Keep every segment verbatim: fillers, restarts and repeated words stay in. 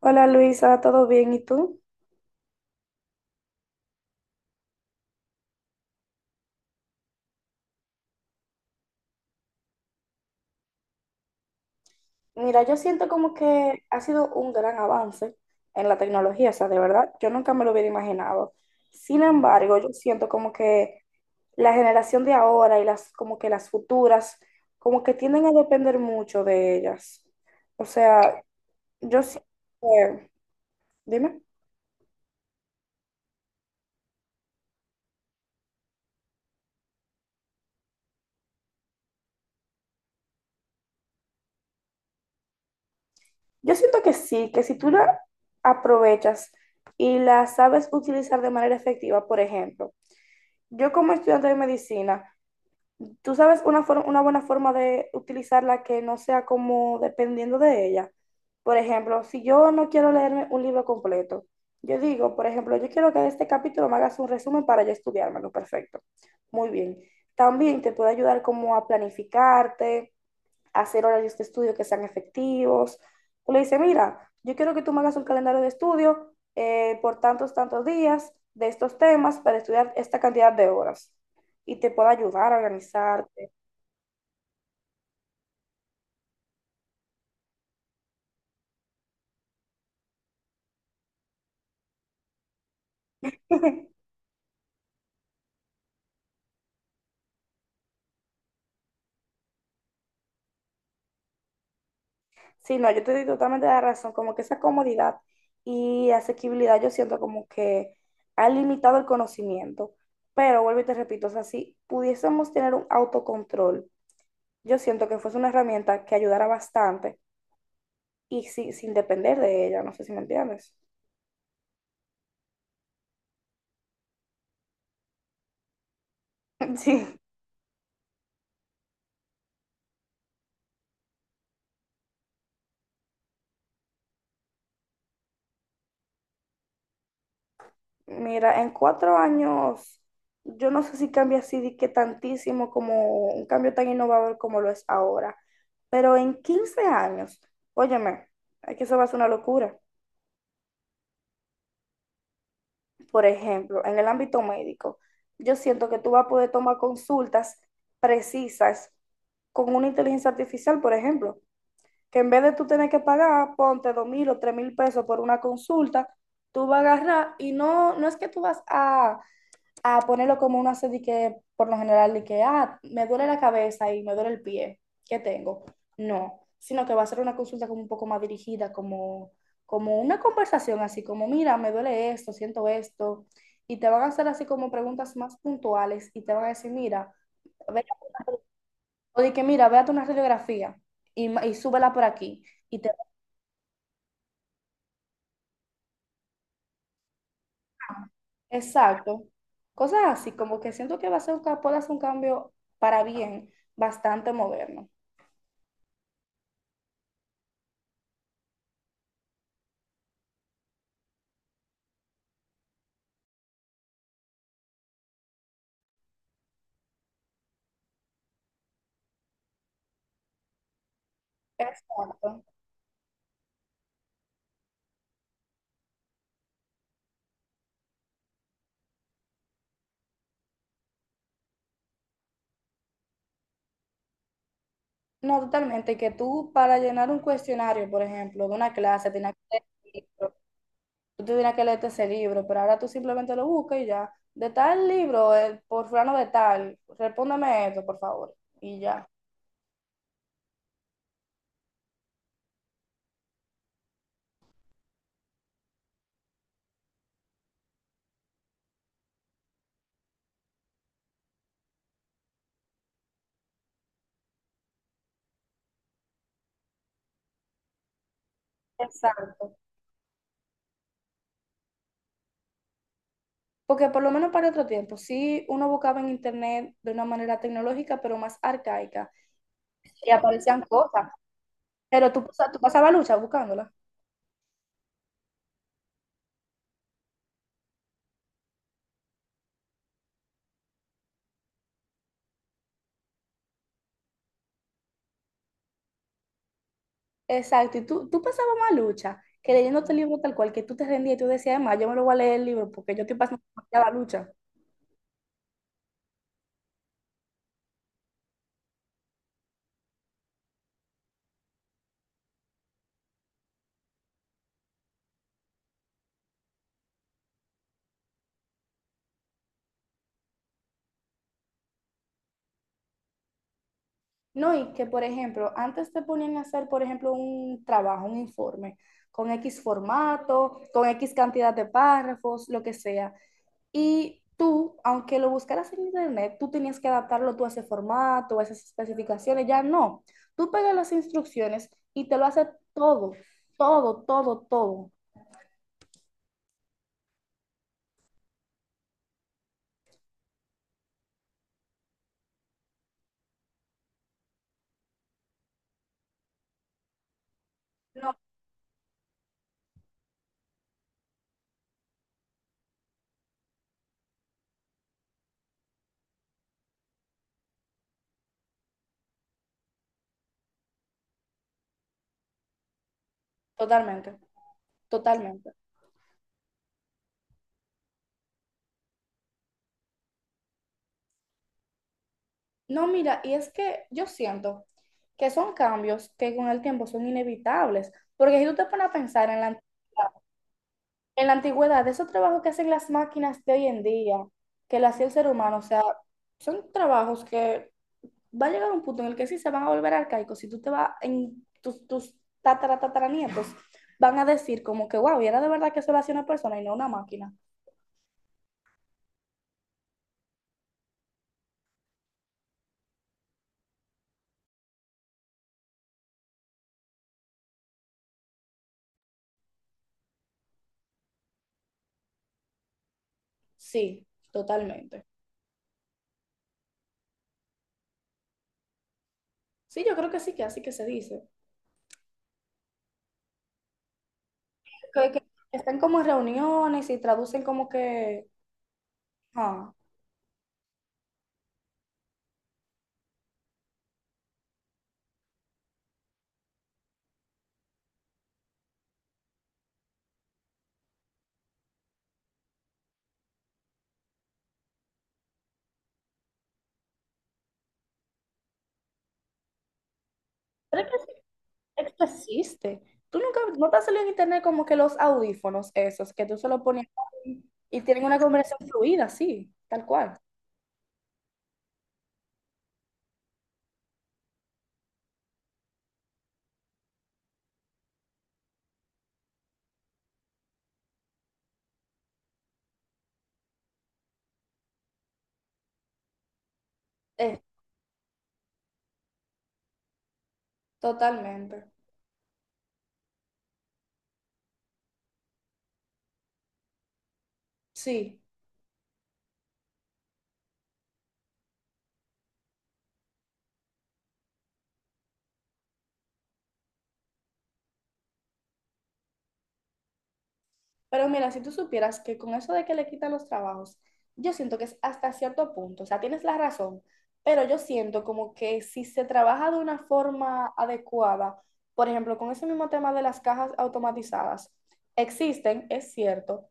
Hola Luisa, ¿todo bien? ¿Y tú? Mira, yo siento como que ha sido un gran avance en la tecnología, o sea, de verdad, yo nunca me lo hubiera imaginado. Sin embargo, yo siento como que la generación de ahora y las como que las futuras, como que tienden a depender mucho de ellas. O sea, yo siento que- dime, yo siento que sí, que si tú la aprovechas y la sabes utilizar de manera efectiva, por ejemplo, yo como estudiante de medicina, tú sabes una, for- una buena forma de utilizarla que no sea como dependiendo de ella. Por ejemplo, si yo no quiero leerme un libro completo, yo digo, por ejemplo, yo quiero que de este capítulo me hagas un resumen para yo estudiármelo. Perfecto. Muy bien. También te puede ayudar como a planificarte, a hacer horarios de estudio que sean efectivos. Tú le dices, mira, yo quiero que tú me hagas un calendario de estudio eh, por tantos, tantos días de estos temas para estudiar esta cantidad de horas y te puede ayudar a organizar. Sí, no, yo te doy totalmente la razón, como que esa comodidad y asequibilidad yo siento como que ha limitado el conocimiento, pero vuelvo y te repito, o sea, si pudiésemos tener un autocontrol, yo siento que fuese una herramienta que ayudara bastante y si- sin depender de ella, no sé si me entiendes. Sí. Mira, en cuatro años, yo no sé si cambia así de que tantísimo como un cambio tan innovador como lo es ahora, pero en quince años, óyeme, es que eso va a ser una locura. Por ejemplo, en el ámbito médico, yo siento que tú vas a poder tomar consultas precisas con una inteligencia artificial, por ejemplo, que en vez de tú tener que pagar, ponte dos mil o tres mil pesos por una consulta, tú vas a agarrar y no, no es que tú vas a a ponerlo como uno hace de que, por lo general, de que, ah, me duele la cabeza y me duele el pie, ¿qué tengo? No, sino que va a ser una consulta como un poco más dirigida, como, como una conversación así, como, mira, me duele esto, siento esto, y te van a hacer así como preguntas más puntuales y te van a decir, mira, ve- o de que, mira, véate una radiografía y, ma- y súbela por aquí, y te, exacto, cosas así, como que siento que va a ser un, ca- puede hacer un cambio para bien bastante moderno. Exacto. No, totalmente, que tú para llenar un cuestionario, por ejemplo, de una clase, tenías que leer el libro, tú tenías que leerte ese libro, pero ahora tú simplemente lo buscas y ya, de tal libro, eh, por fulano de tal, respóndeme esto, por favor, y ya. Exacto. Porque por lo menos para otro tiempo, sí uno buscaba en internet de una manera tecnológica, pero más arcaica, y aparecían cosas, pero tú, pasa- tú pasabas lucha buscándolas. Exacto, y tú, tú pasabas más lucha que leyéndote el libro tal cual, que tú te rendías y tú decías, además, yo me lo voy a leer el libro porque yo estoy pasando la lucha. No, y que, por ejemplo, antes te ponían a hacer, por ejemplo, un trabajo, un informe, con X formato, con X cantidad de párrafos, lo que sea. Y tú, aunque lo buscaras en internet, tú tenías que adaptarlo tú a ese formato, a esas especificaciones, ya no. Tú pegas las instrucciones y te lo hace todo, todo, todo, todo. No, totalmente. Totalmente. No, mira, y es que yo siento que son cambios que con el tiempo son inevitables, porque si tú te pones a pensar en la antigüedad, en la antigüedad, esos trabajos que hacen las máquinas de hoy en día, que lo hacía el ser humano, o sea, son trabajos que va a llegar un punto en el que sí se van a volver arcaicos, si tú te vas en tus, tus tatara, tataranietos, van a decir como que, wow, y era de verdad que eso lo hacía una persona y no una máquina. Sí, totalmente. Sí, yo creo que sí, que así que se dice. que, que están como en reuniones y traducen como que... Ah, pero es que esto existe. Tú nunca, no te ha salido en internet como que los audífonos esos, que tú se los pones y tienen una conversación fluida, sí, tal cual. Eh, Totalmente. Sí. Pero mira, si tú supieras que con eso de que le quitan los trabajos, yo siento que es hasta cierto punto, o sea, tienes la razón, pero yo siento como que si se trabaja de una forma adecuada, por ejemplo, con ese mismo tema de las cajas automatizadas, existen, es cierto,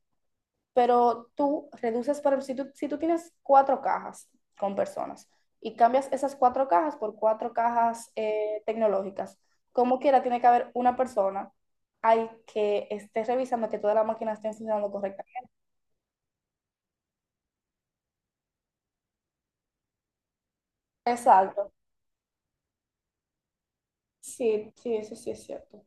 pero tú reduces para, si tú, si tú tienes cuatro cajas con personas y cambias esas cuatro cajas por cuatro cajas eh, tecnológicas, como quiera tiene que haber una persona ahí que esté revisando que todas las máquinas estén funcionando correctamente. Exacto. Sí, sí, eso sí es cierto.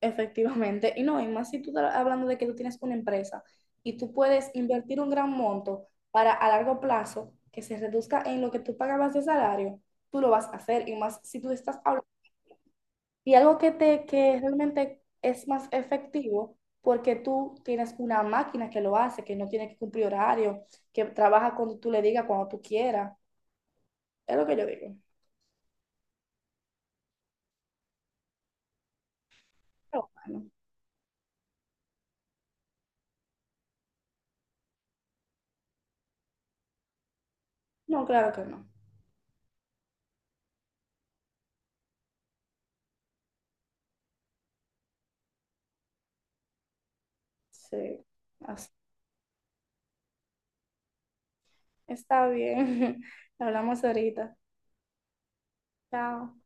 Efectivamente. Y no, y más si tú estás hablando de que tú tienes una empresa y tú puedes invertir un gran monto para a largo plazo que se reduzca en lo que tú pagabas de salario, tú lo vas a hacer. Y más si tú estás hablando. Y algo que, te, que realmente es más efectivo porque tú tienes una máquina que lo hace, que no tiene que cumplir horario, que trabaja cuando tú le digas, cuando tú quieras. Es lo que yo digo. Pero bueno, no, claro que no. Sí, así. Está bien. Hablamos ahorita. Chao.